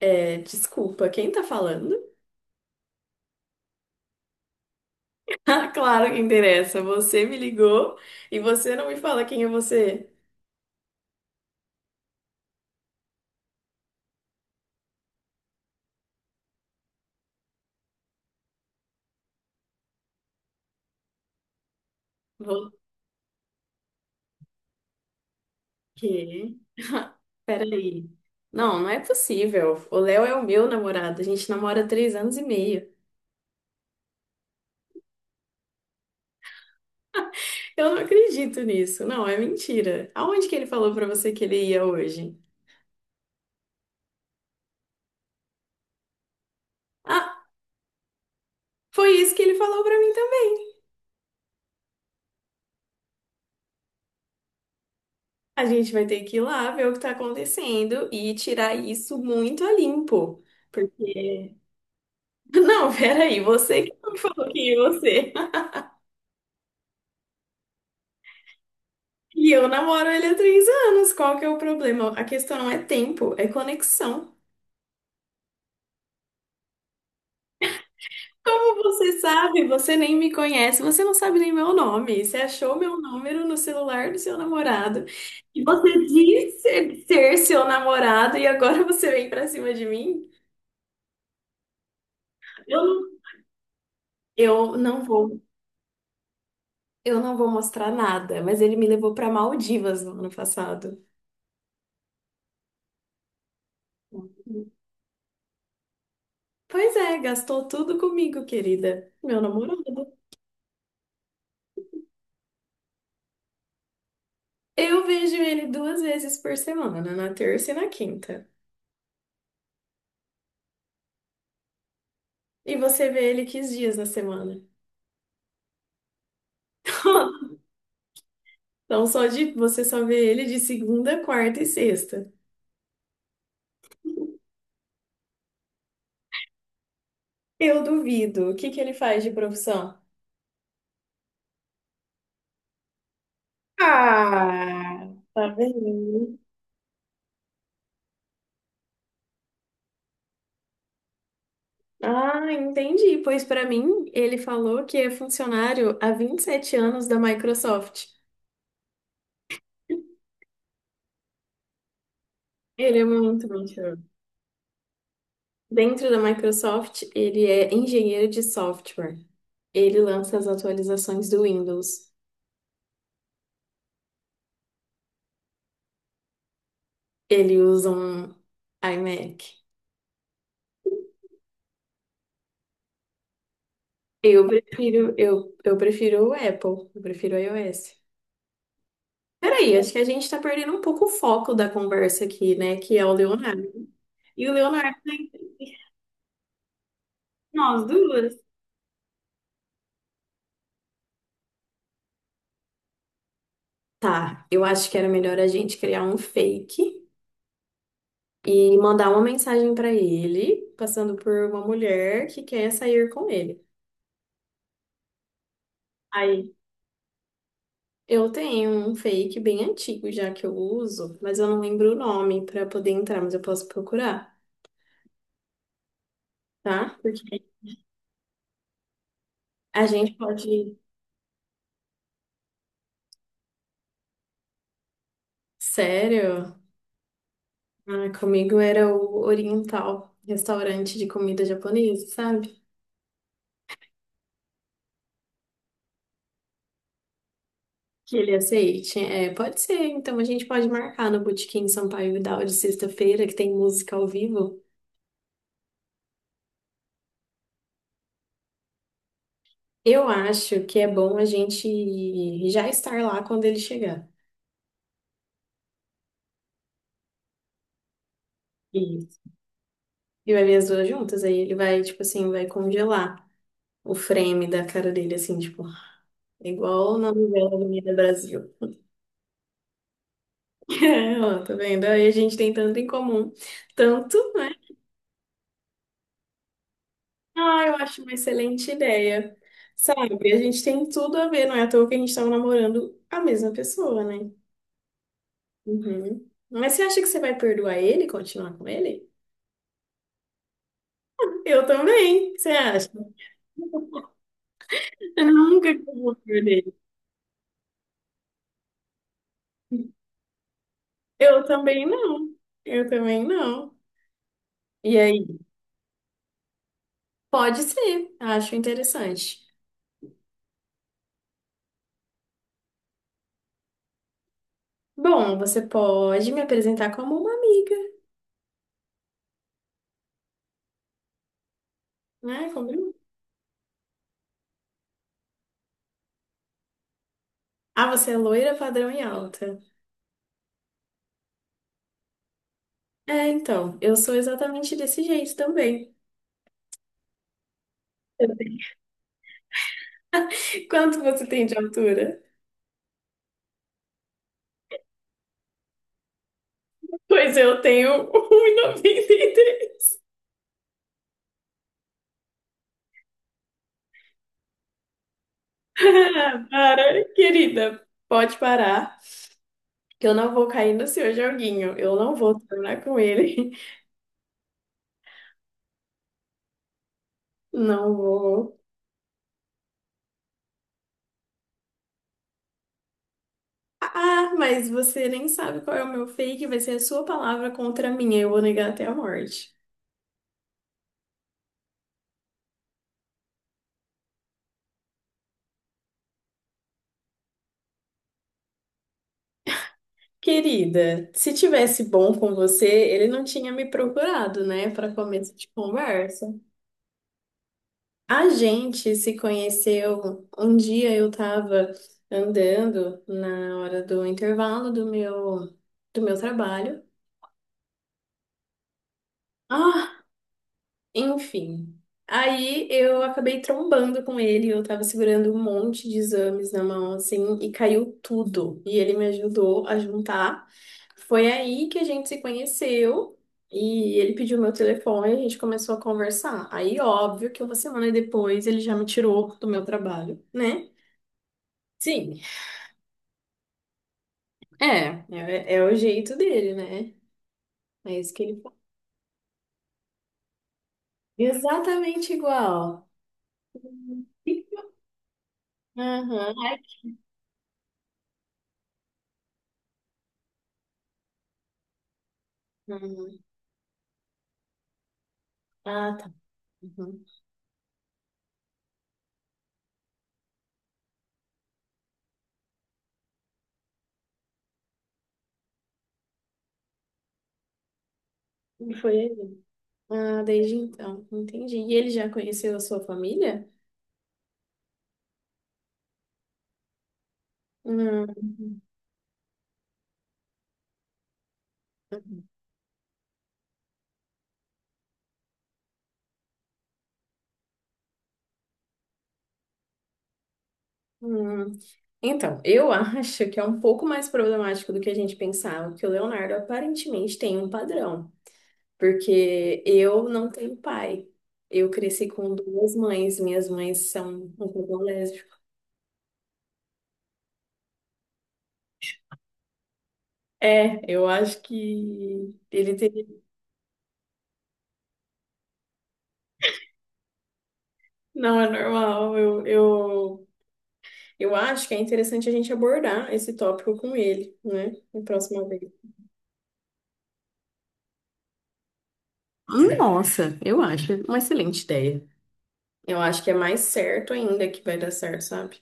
É, desculpa, quem tá falando? Ah, claro que interessa. Você me ligou e você não me fala quem é você. Vou quê? Peraí. Não, não é possível. O Léo é o meu namorado. A gente namora há 3 anos e meio. Eu não acredito nisso. Não, é mentira. Aonde que ele falou pra você que ele ia hoje? Ah, foi isso que ele falou pra mim também. A gente vai ter que ir lá ver o que tá acontecendo e tirar isso muito a limpo. Porque não, peraí, você que não falou quem é você. E eu namoro ele há 3 anos. Qual que é o problema? A questão não é tempo, é conexão. Como você sabe? Você nem me conhece, você não sabe nem meu nome. Você achou meu número no celular do seu namorado. E você disse ser seu namorado e agora você vem pra cima de mim? Eu não, eu não vou, eu não vou mostrar nada, mas ele me levou pra Maldivas no ano passado. Pois é, gastou tudo comigo, querida. Meu namorado. Eu vejo ele 2 vezes por semana, na terça e na quinta. E você vê ele que dias na semana? Então, só de você só vê ele de segunda, quarta e sexta. Eu duvido. O que que ele faz de profissão? Ah, tá vendo? Ah, entendi. Pois pra mim, ele falou que é funcionário há 27 anos da Microsoft. Ele é muito mentiroso. Dentro da Microsoft, ele é engenheiro de software. Ele lança as atualizações do Windows. Ele usa um iMac. Eu prefiro o Apple, eu prefiro o iOS. Peraí, acho que a gente tá perdendo um pouco o foco da conversa aqui, né? Que é o Leonardo. E o Leonardo, tá nós duas. Tá, eu acho que era melhor a gente criar um fake e mandar uma mensagem pra ele, passando por uma mulher que quer sair com ele. Aí eu tenho um fake bem antigo já que eu uso, mas eu não lembro o nome para poder entrar, mas eu posso procurar, tá? Porque a gente pode. Sério? Ah, comigo era o Oriental, restaurante de comida japonesa, sabe? Que ele aceite. É, pode ser, então a gente pode marcar no Botequim Sampaio Vidal de sexta-feira, que tem música ao vivo. Eu acho que é bom a gente já estar lá quando ele chegar. Isso. E vai ver as duas juntas, aí ele vai, tipo assim, vai congelar o frame da cara dele, assim, tipo, é igual na novela Avenida Brasil. É, ó, tá vendo? Aí a gente tem tanto em comum. Tanto, né? Ah, eu acho uma excelente ideia. Sabe, a gente tem tudo a ver, não é à toa que a gente tava namorando a mesma pessoa, né? Uhum. Mas você acha que você vai perdoar ele e continuar com ele? Eu também, você acha? Eu nunca que eu vou perder. Eu também não. Eu também não. E aí? Pode ser, acho interessante. Bom, você pode me apresentar como uma amiga, né? Combinou? Ah, você é loira, padrão e alta. É, então, eu sou exatamente desse jeito também. Eu tenho- Quanto você tem de altura? Pois eu tenho 1,93. Para, querida, pode parar, que eu não vou cair no seu joguinho. Eu não vou terminar com ele. Não vou. Ah, mas você nem sabe qual é o meu fake, vai ser a sua palavra contra a minha. Eu vou negar até a morte. Querida, se tivesse bom com você, ele não tinha me procurado, né, para começo de conversa. A gente se conheceu um dia eu estava andando na hora do intervalo do meu trabalho. Ah, enfim, aí eu acabei trombando com ele, eu tava segurando um monte de exames na mão, assim, e caiu tudo. E ele me ajudou a juntar. Foi aí que a gente se conheceu e ele pediu meu telefone e a gente começou a conversar. Aí, óbvio que uma semana depois ele já me tirou do meu trabalho, né? Sim, é, o jeito dele, né? É isso que ele faz. Exatamente igual. Aham. Ai, uhum. Ah, tá. Uhum. E foi ele. Ah, desde então, entendi. E ele já conheceu a sua família? Hum, uhum. Hum. Então, eu acho que é um pouco mais problemático do que a gente pensava, que o Leonardo aparentemente tem um padrão, porque eu não tenho pai. Eu cresci com duas mães, minhas mães são um pouco lésbicas. É, eu acho que ele teria. Não é normal, eu acho que é interessante a gente abordar esse tópico com ele, né? Na próxima vez. Nossa, eu acho uma excelente ideia. Eu acho que é mais certo ainda que vai dar certo, sabe?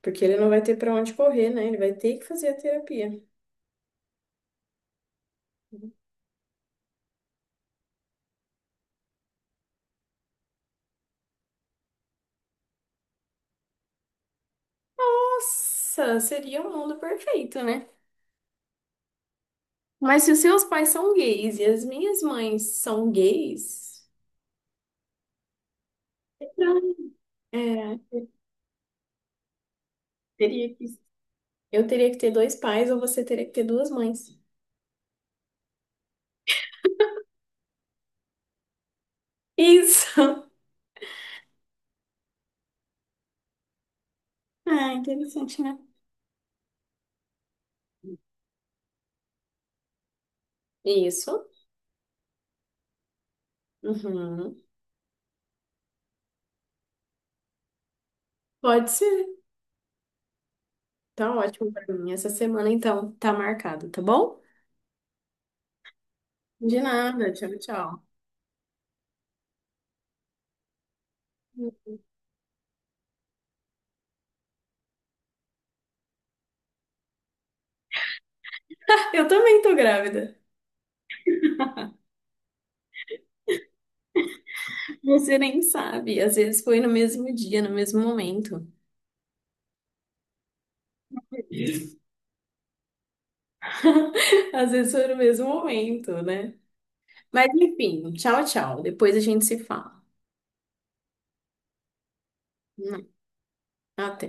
Porque ele não vai ter pra onde correr, né? Ele vai ter que fazer a terapia. Nossa, seria o mundo perfeito, né? Mas se os seus pais são gays e as minhas mães são gays, então, é, teria que, eu teria que ter dois pais ou você teria que ter duas mães. Isso! É interessante, né? Isso. Uhum. Pode ser. Tá ótimo pra mim. Essa semana, então, tá marcado, tá bom? De nada. Tchau, tchau. Eu também tô grávida. Você nem sabe. Às vezes foi no mesmo dia, no mesmo momento. Às vezes foi no mesmo momento, né? Mas enfim, tchau, tchau. Depois a gente se fala. Até.